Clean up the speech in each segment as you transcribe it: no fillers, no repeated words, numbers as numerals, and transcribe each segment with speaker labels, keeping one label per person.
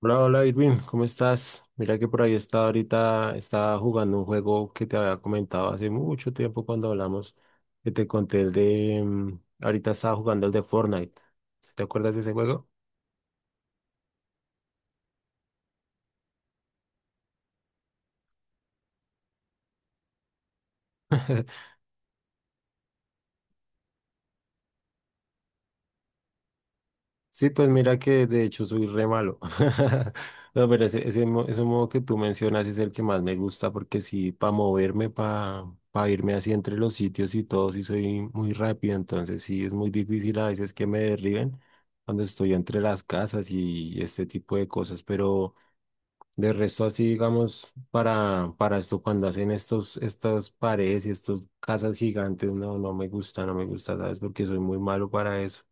Speaker 1: Hola, hola Irving, ¿cómo estás? Mira que por ahí estaba ahorita, estaba jugando un juego que te había comentado hace mucho tiempo cuando hablamos, que te conté el de, ahorita estaba jugando el de Fortnite. ¿Sí? ¿Te acuerdas de ese juego? Sí, pues mira que de hecho soy re malo. No, pero ese modo que tú mencionas es el que más me gusta porque sí, para moverme, para irme así entre los sitios y todo, sí soy muy rápido. Entonces sí, es muy difícil a veces que me derriben cuando estoy entre las casas y este tipo de cosas. Pero de resto así, digamos, para esto, cuando hacen estas paredes y estas casas gigantes, no, no me gusta, no me gusta, ¿sabes? Porque soy muy malo para eso.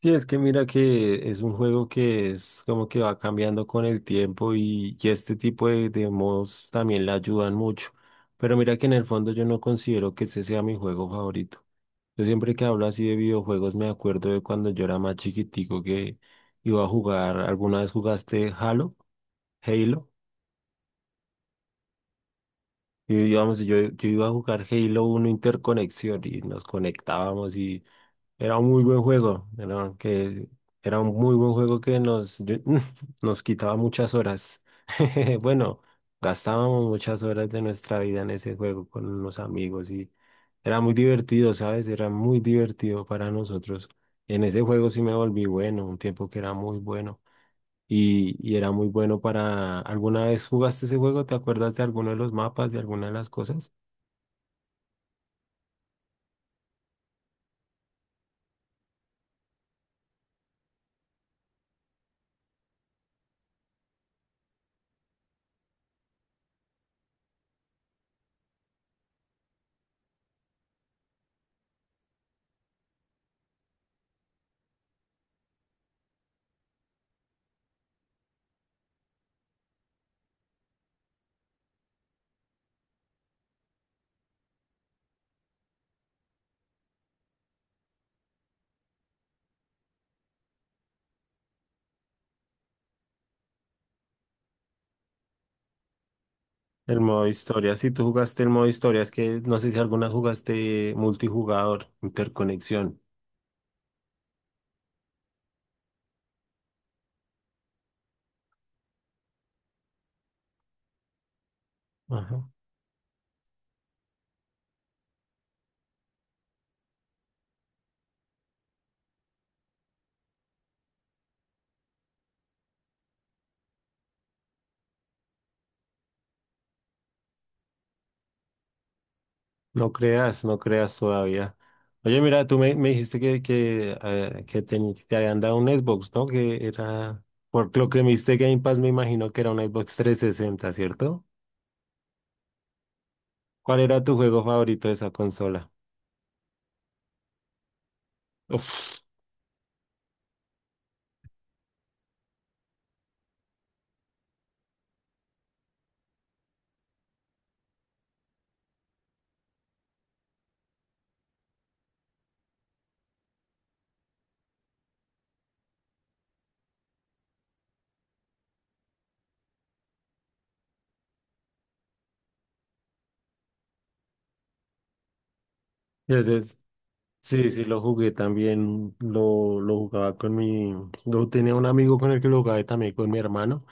Speaker 1: Sí, es que mira que es un juego que es como que va cambiando con el tiempo y este tipo de modos también le ayudan mucho. Pero mira que en el fondo yo no considero que ese sea mi juego favorito. Yo siempre que hablo así de videojuegos me acuerdo de cuando yo era más chiquitico que iba a jugar, ¿alguna vez jugaste Halo? Halo. Y íbamos, yo iba a jugar Halo Uno Interconexión y nos conectábamos y era un muy buen juego, era un muy buen juego que nos quitaba muchas horas. Bueno, gastábamos muchas horas de nuestra vida en ese juego con los amigos y era muy divertido, ¿sabes? Era muy divertido para nosotros. En ese juego sí me volví bueno, un tiempo que era muy bueno y era muy bueno para... ¿Alguna vez jugaste ese juego? ¿Te acuerdas de alguno de los mapas, de alguna de las cosas? El modo historia, si tú jugaste el modo historia, es que no sé si alguna jugaste multijugador, interconexión. Ajá. No creas, no creas todavía. Oye, mira, me dijiste que te habían dado un Xbox, ¿no? Que era, por lo que me diste Game Pass, me imagino que era un Xbox trescientos sesenta, ¿cierto? ¿Cuál era tu juego favorito de esa consola? Uf, ese es- sí, sí, lo jugué también, lo jugaba con lo tenía un amigo con el que lo jugaba y también con mi hermano.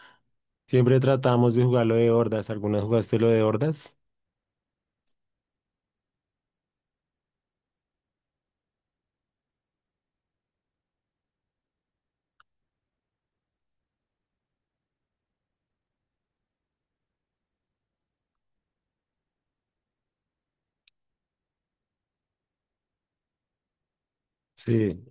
Speaker 1: Siempre tratamos de jugarlo de hordas. ¿Alguna vez jugaste lo de hordas? Sí.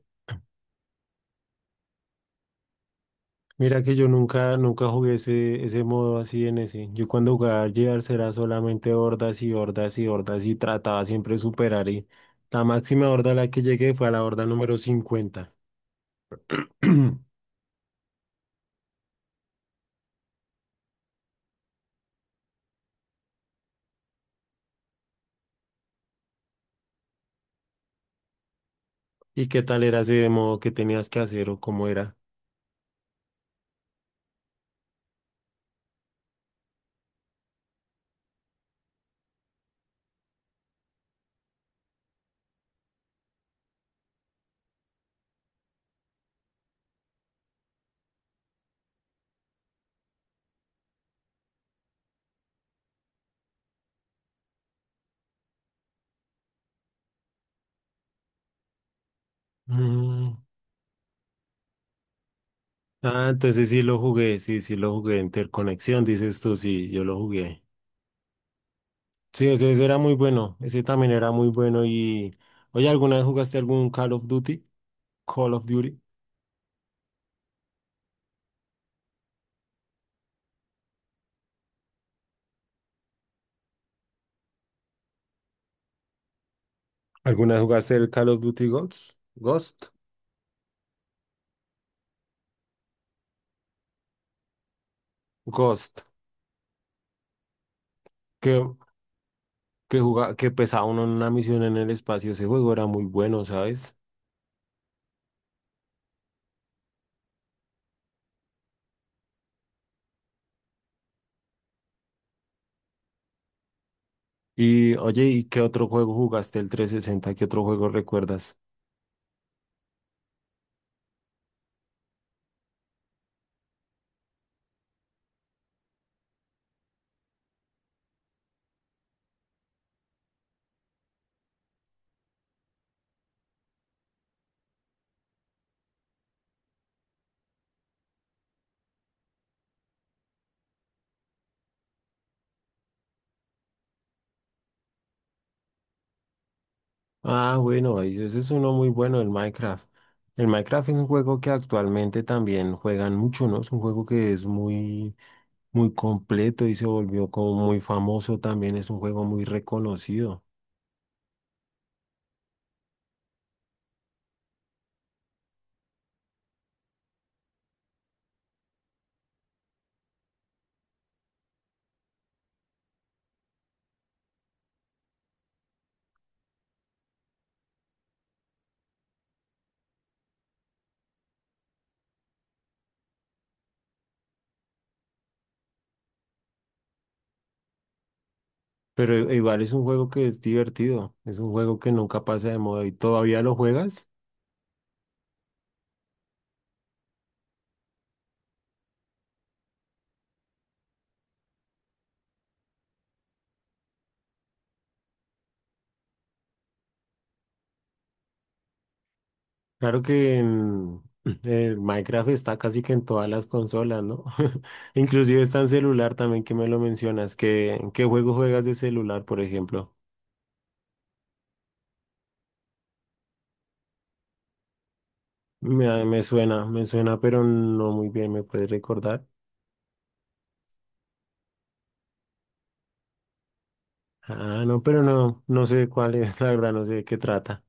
Speaker 1: Mira que yo nunca, nunca jugué ese modo así en ese. Yo cuando jugaba al Gears era solamente hordas y hordas y hordas y trataba siempre de superar. Y la máxima horda a la que llegué fue a la horda número 50. ¿Y qué tal era ese modo que tenías que hacer o cómo era? Mm. Ah, entonces sí lo jugué, sí, sí lo jugué. Interconexión, dices tú, sí, yo lo jugué. Sí, ese era muy bueno. Ese también era muy bueno. Y, oye, ¿alguna vez jugaste algún Call of Duty? Call of Duty. ¿Alguna vez jugaste el Call of Duty Ghost? Ghost. Ghost. Que, que jugaba, que pesaba uno en una misión en el espacio. Ese juego era muy bueno, ¿sabes? Y, oye, ¿y qué otro juego jugaste el 360? ¿Qué otro juego recuerdas? Ah, bueno, ese es uno muy bueno, el Minecraft. El Minecraft es un juego que actualmente también juegan mucho, ¿no? Es un juego que es muy muy completo y se volvió como muy famoso también. Es un juego muy reconocido. Pero igual es un juego que es divertido. Es un juego que nunca pasa de moda y todavía lo juegas. Claro que en, el Minecraft está casi que en todas las consolas, ¿no? Inclusive está en celular también que me lo mencionas. ¿Qué, en qué juego juegas de celular, por ejemplo? Me suena, pero no muy bien. ¿Me puedes recordar? Ah, no, pero no, no sé cuál es, la verdad, no sé de qué trata.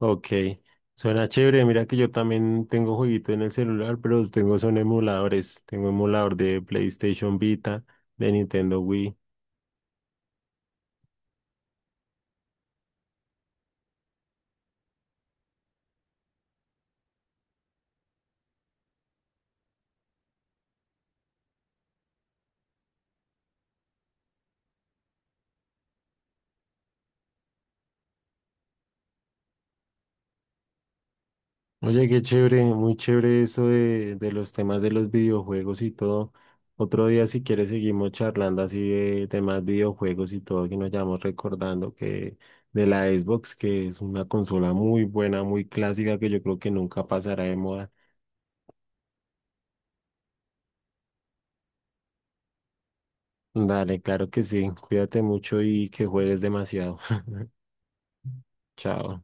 Speaker 1: Ok, suena chévere. Mira que yo también tengo jueguito en el celular, pero tengo son emuladores. Tengo emulador de PlayStation Vita, de Nintendo Wii. Oye, qué chévere, muy chévere eso de los temas de los videojuegos y todo. Otro día, si quieres, seguimos charlando así de temas videojuegos y todo, que nos vayamos recordando que de la Xbox, que es una consola muy buena, muy clásica, que yo creo que nunca pasará de moda. Dale, claro que sí. Cuídate mucho y que juegues demasiado. Chao.